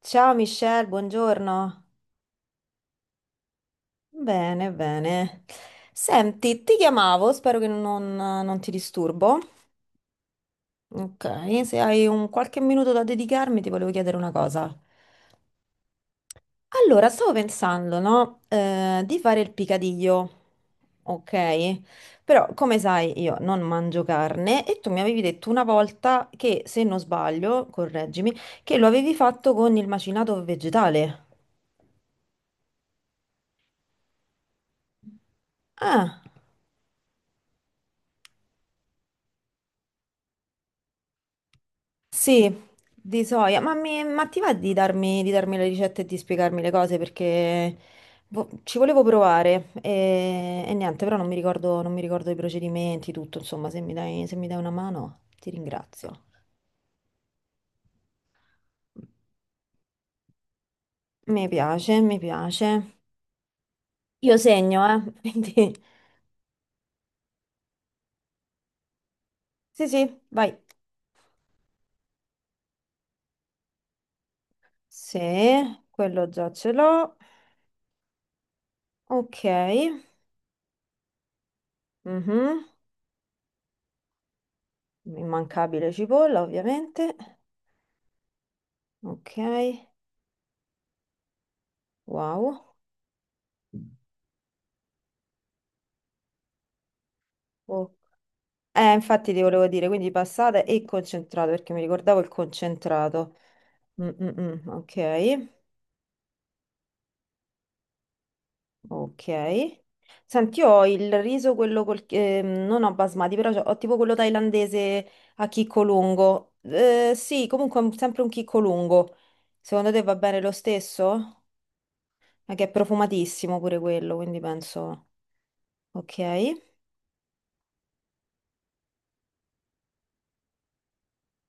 Ciao Michelle, buongiorno. Bene, bene. Senti, ti chiamavo, spero che non ti disturbo. Ok, se hai un qualche minuto da dedicarmi, ti volevo chiedere una cosa. Allora, stavo pensando, no, di fare il picadillo, ok? Però, come sai, io non mangio carne e tu mi avevi detto una volta che, se non sbaglio, correggimi, che lo avevi fatto con il macinato vegetale. Ah. Sì, di soia, ma, ma ti va di darmi le ricette e di spiegarmi le cose perché ci volevo provare e niente, però non mi ricordo i procedimenti, tutto, insomma, se mi dai, se mi dai una mano ti ringrazio. Mi piace, mi piace. Io segno, quindi sì, sì, vai. Sì, quello già ce l'ho. Ok, mhm. Immancabile cipolla, ovviamente. Ok, wow. Oh. Infatti ti volevo dire, quindi passata e concentrato, perché mi ricordavo il concentrato. Mm, mm, mm, ok, ok. Senti, io ho il riso, quello col... non ho basmati, però ho tipo quello thailandese a chicco lungo. Sì, comunque sempre un chicco lungo. Secondo te va bene lo stesso? Ma che è profumatissimo pure quello, quindi penso... Ok.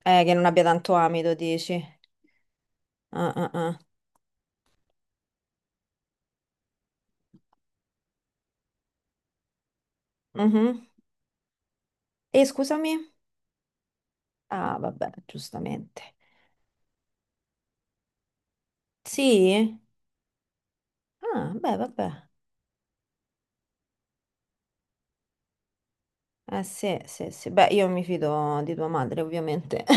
Che non abbia tanto amido, dici? Ah, ah, ah. Mhm. E scusami? Ah, vabbè, giustamente. Sì? Ah, beh, vabbè. Eh sì, sì, sì. Beh, io mi fido di tua madre, ovviamente.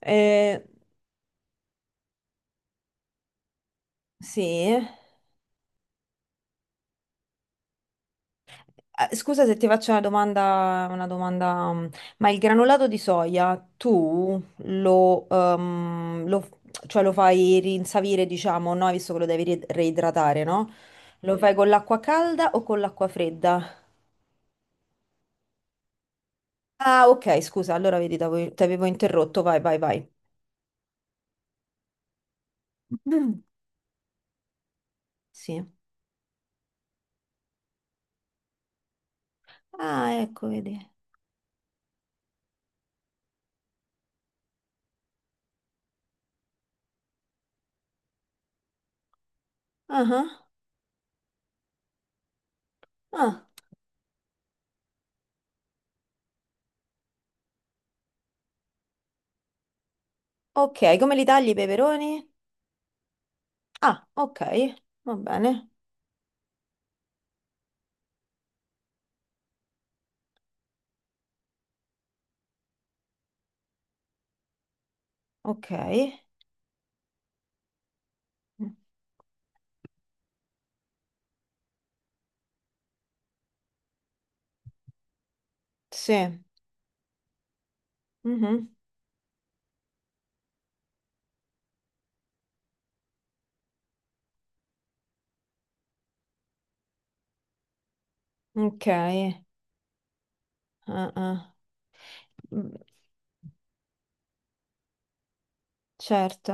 Eh, sì. Scusa se ti faccio una domanda, mm, ma il granulato di soia tu lo cioè lo fai rinsavire, diciamo, no? Visto che lo devi reidratare, no? Lo fai con l'acqua calda o con l'acqua fredda? Ah, ok, scusa, allora vedi, t'avevo ti avevo interrotto, vai, vai, vai. Sì. Ah, ecco, vedi. Ah, ah, ah. Ok, come li tagli i peperoni? Ah, ok, va bene. Ok. Sì. Mhm. Ok. Ah, ah. Certo,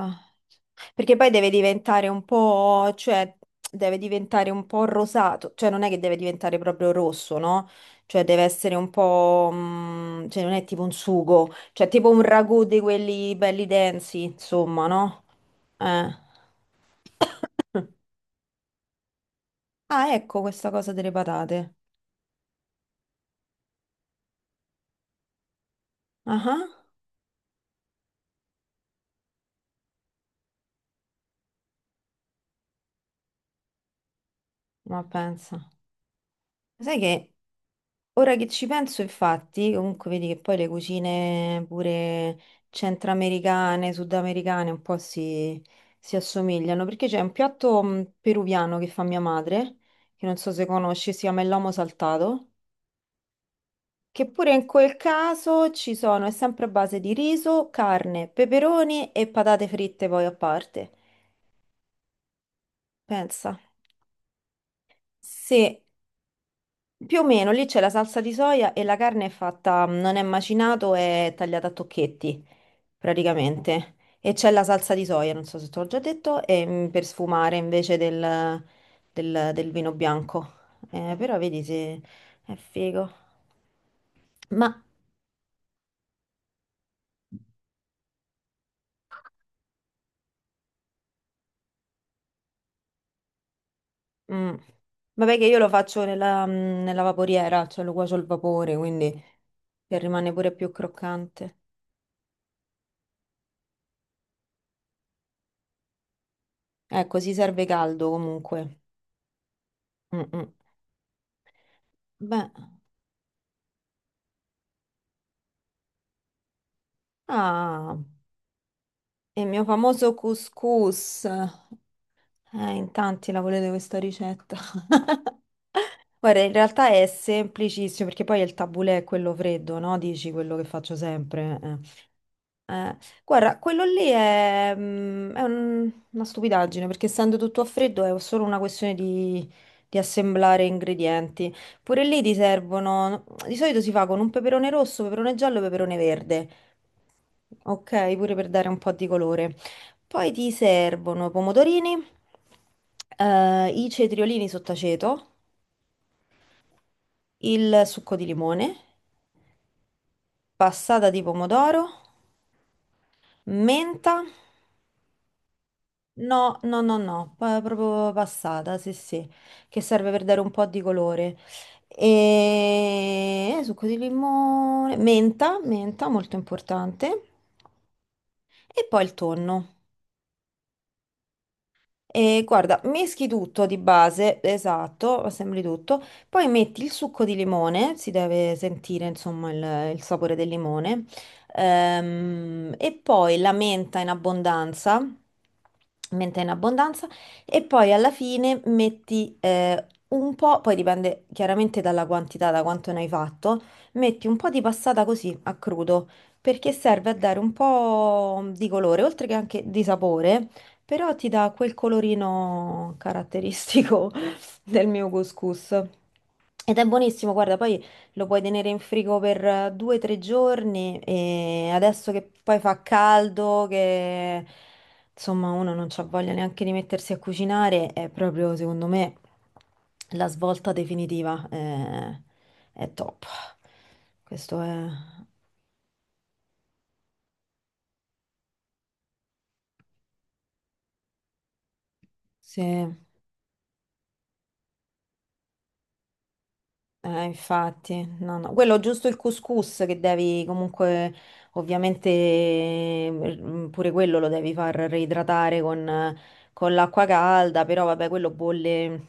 perché poi deve diventare un po', cioè deve diventare un po' rosato, cioè non è che deve diventare proprio rosso, no? Cioè deve essere un po', mm, cioè non è tipo un sugo, cioè tipo un ragù di quelli belli densi, insomma, no? Eh. Ah, ecco questa cosa delle patate. Ah, ah, ma pensa. Sai che ora che ci penso, infatti, comunque vedi che poi le cucine pure centroamericane, sudamericane un po' si assomigliano, perché c'è un piatto peruviano che fa mia madre, che non so se conosci, si chiama il lomo saltato, che pure in quel caso ci sono, è sempre a base di riso, carne, peperoni e patate fritte poi a parte. Pensa. Sì, più o meno lì c'è la salsa di soia e la carne è fatta, mhmm, non è macinato, è tagliata a tocchetti. Praticamente. E c'è la salsa di soia, non so se te l'ho già detto, e, mm, per sfumare invece del del vino bianco. Però vedi se è figo. Ma mm, vabbè che io lo faccio nella, mm, nella vaporiera, cioè lo cuocio al vapore, quindi che rimane pure più croccante. Ecco, si serve caldo comunque. Mm, mm. Beh, ah, e il mio famoso couscous. In tanti la volete questa ricetta. Guarda, in realtà è semplicissimo perché poi il tabulè è quello freddo, no? Dici quello che faccio sempre. Eh. Eh, guarda, quello lì è, mm, una stupidaggine perché essendo tutto a freddo è solo una questione di assemblare ingredienti. Pure lì ti servono, di solito si fa con un peperone rosso, peperone giallo e peperone verde. Ok, pure per dare un po' di colore. Poi ti servono pomodorini, i cetriolini sott'aceto, il succo di limone, passata di pomodoro, menta. No, no, no, no, proprio passata, sì, sì, che serve per dare un po' di colore. E succo di limone, menta, menta, molto importante. E poi il tonno. E guarda, meschi tutto di base, esatto, assembli tutto, poi metti il succo di limone, si deve sentire insomma il sapore del limone, e poi la menta in abbondanza, e poi alla fine metti un po', poi dipende chiaramente dalla quantità, da quanto ne hai fatto, metti un po' di passata così a crudo, perché serve a dare un po' di colore, oltre che anche di sapore. Però ti dà quel colorino caratteristico del mio couscous. Ed è buonissimo, guarda, poi lo puoi tenere in frigo per 2 o 3 giorni e adesso che poi fa caldo, che insomma uno non c'ha voglia neanche di mettersi a cucinare, è proprio secondo me la svolta definitiva, è top. Questo è... Sì. Infatti, no, no. Quello giusto il couscous che devi comunque, ovviamente, mm, pure quello lo devi far reidratare con l'acqua calda, però vabbè, quello bolle,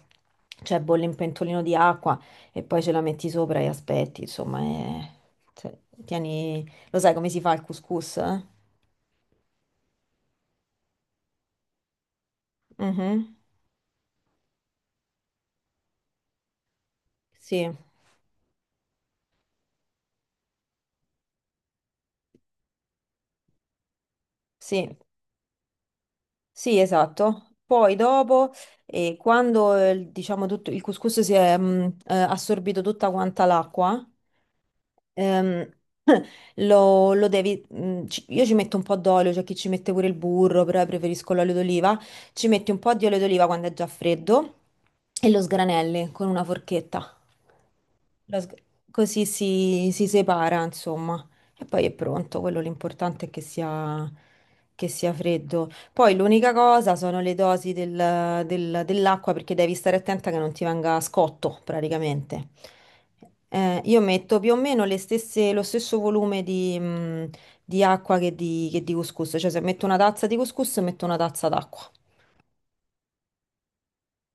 cioè bolle in pentolino di acqua e poi ce la metti sopra e aspetti, insomma, è- cioè, tieni... Lo sai come si fa il couscous? Eh? Mhm. Sì, sì, sì, esatto. Poi dopo, quando diciamo tutto, il couscous si è assorbito tutta quanta l'acqua, ehm, lo devi, io ci metto un po' d'olio, c'è chi ci mette pure il burro, però io preferisco l'olio d'oliva. Ci metti un po' di olio d'oliva quando è già freddo e lo sgranelli con una forchetta. Lo sg- Così si separa, insomma, e poi è pronto. Quello l'importante è che sia freddo. Poi l'unica cosa sono le dosi dell'acqua perché devi stare attenta che non ti venga scotto praticamente. Io metto più o meno lo stesso volume di acqua che di couscous, cioè se metto una tazza di couscous metto una tazza d'acqua.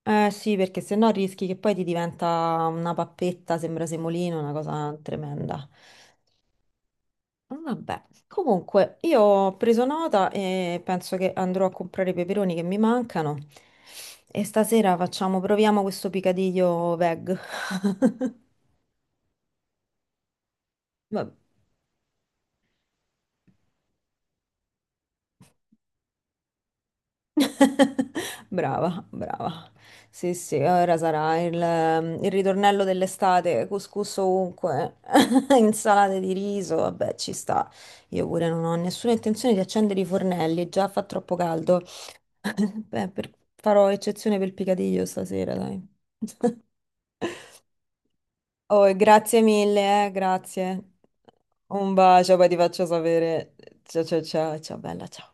Eh sì, perché se no rischi che poi ti diventa una pappetta, sembra semolino, una cosa tremenda. Vabbè, comunque io ho preso nota e penso che andrò a comprare i peperoni che mi mancano e stasera facciamo, proviamo questo picadiglio veg. Vabbè. Brava, brava. Sì, sì, ora sarà il ritornello dell'estate, couscous ovunque, insalate di riso, vabbè, ci sta. Io pure non ho nessuna intenzione di accendere i fornelli, già fa troppo caldo. Beh, farò eccezione per il picadillo stasera, dai. Oh, e grazie mille, grazie. Un bacio, poi ti faccio sapere. Ciao, ciao, ciao, ciao, bella, ciao.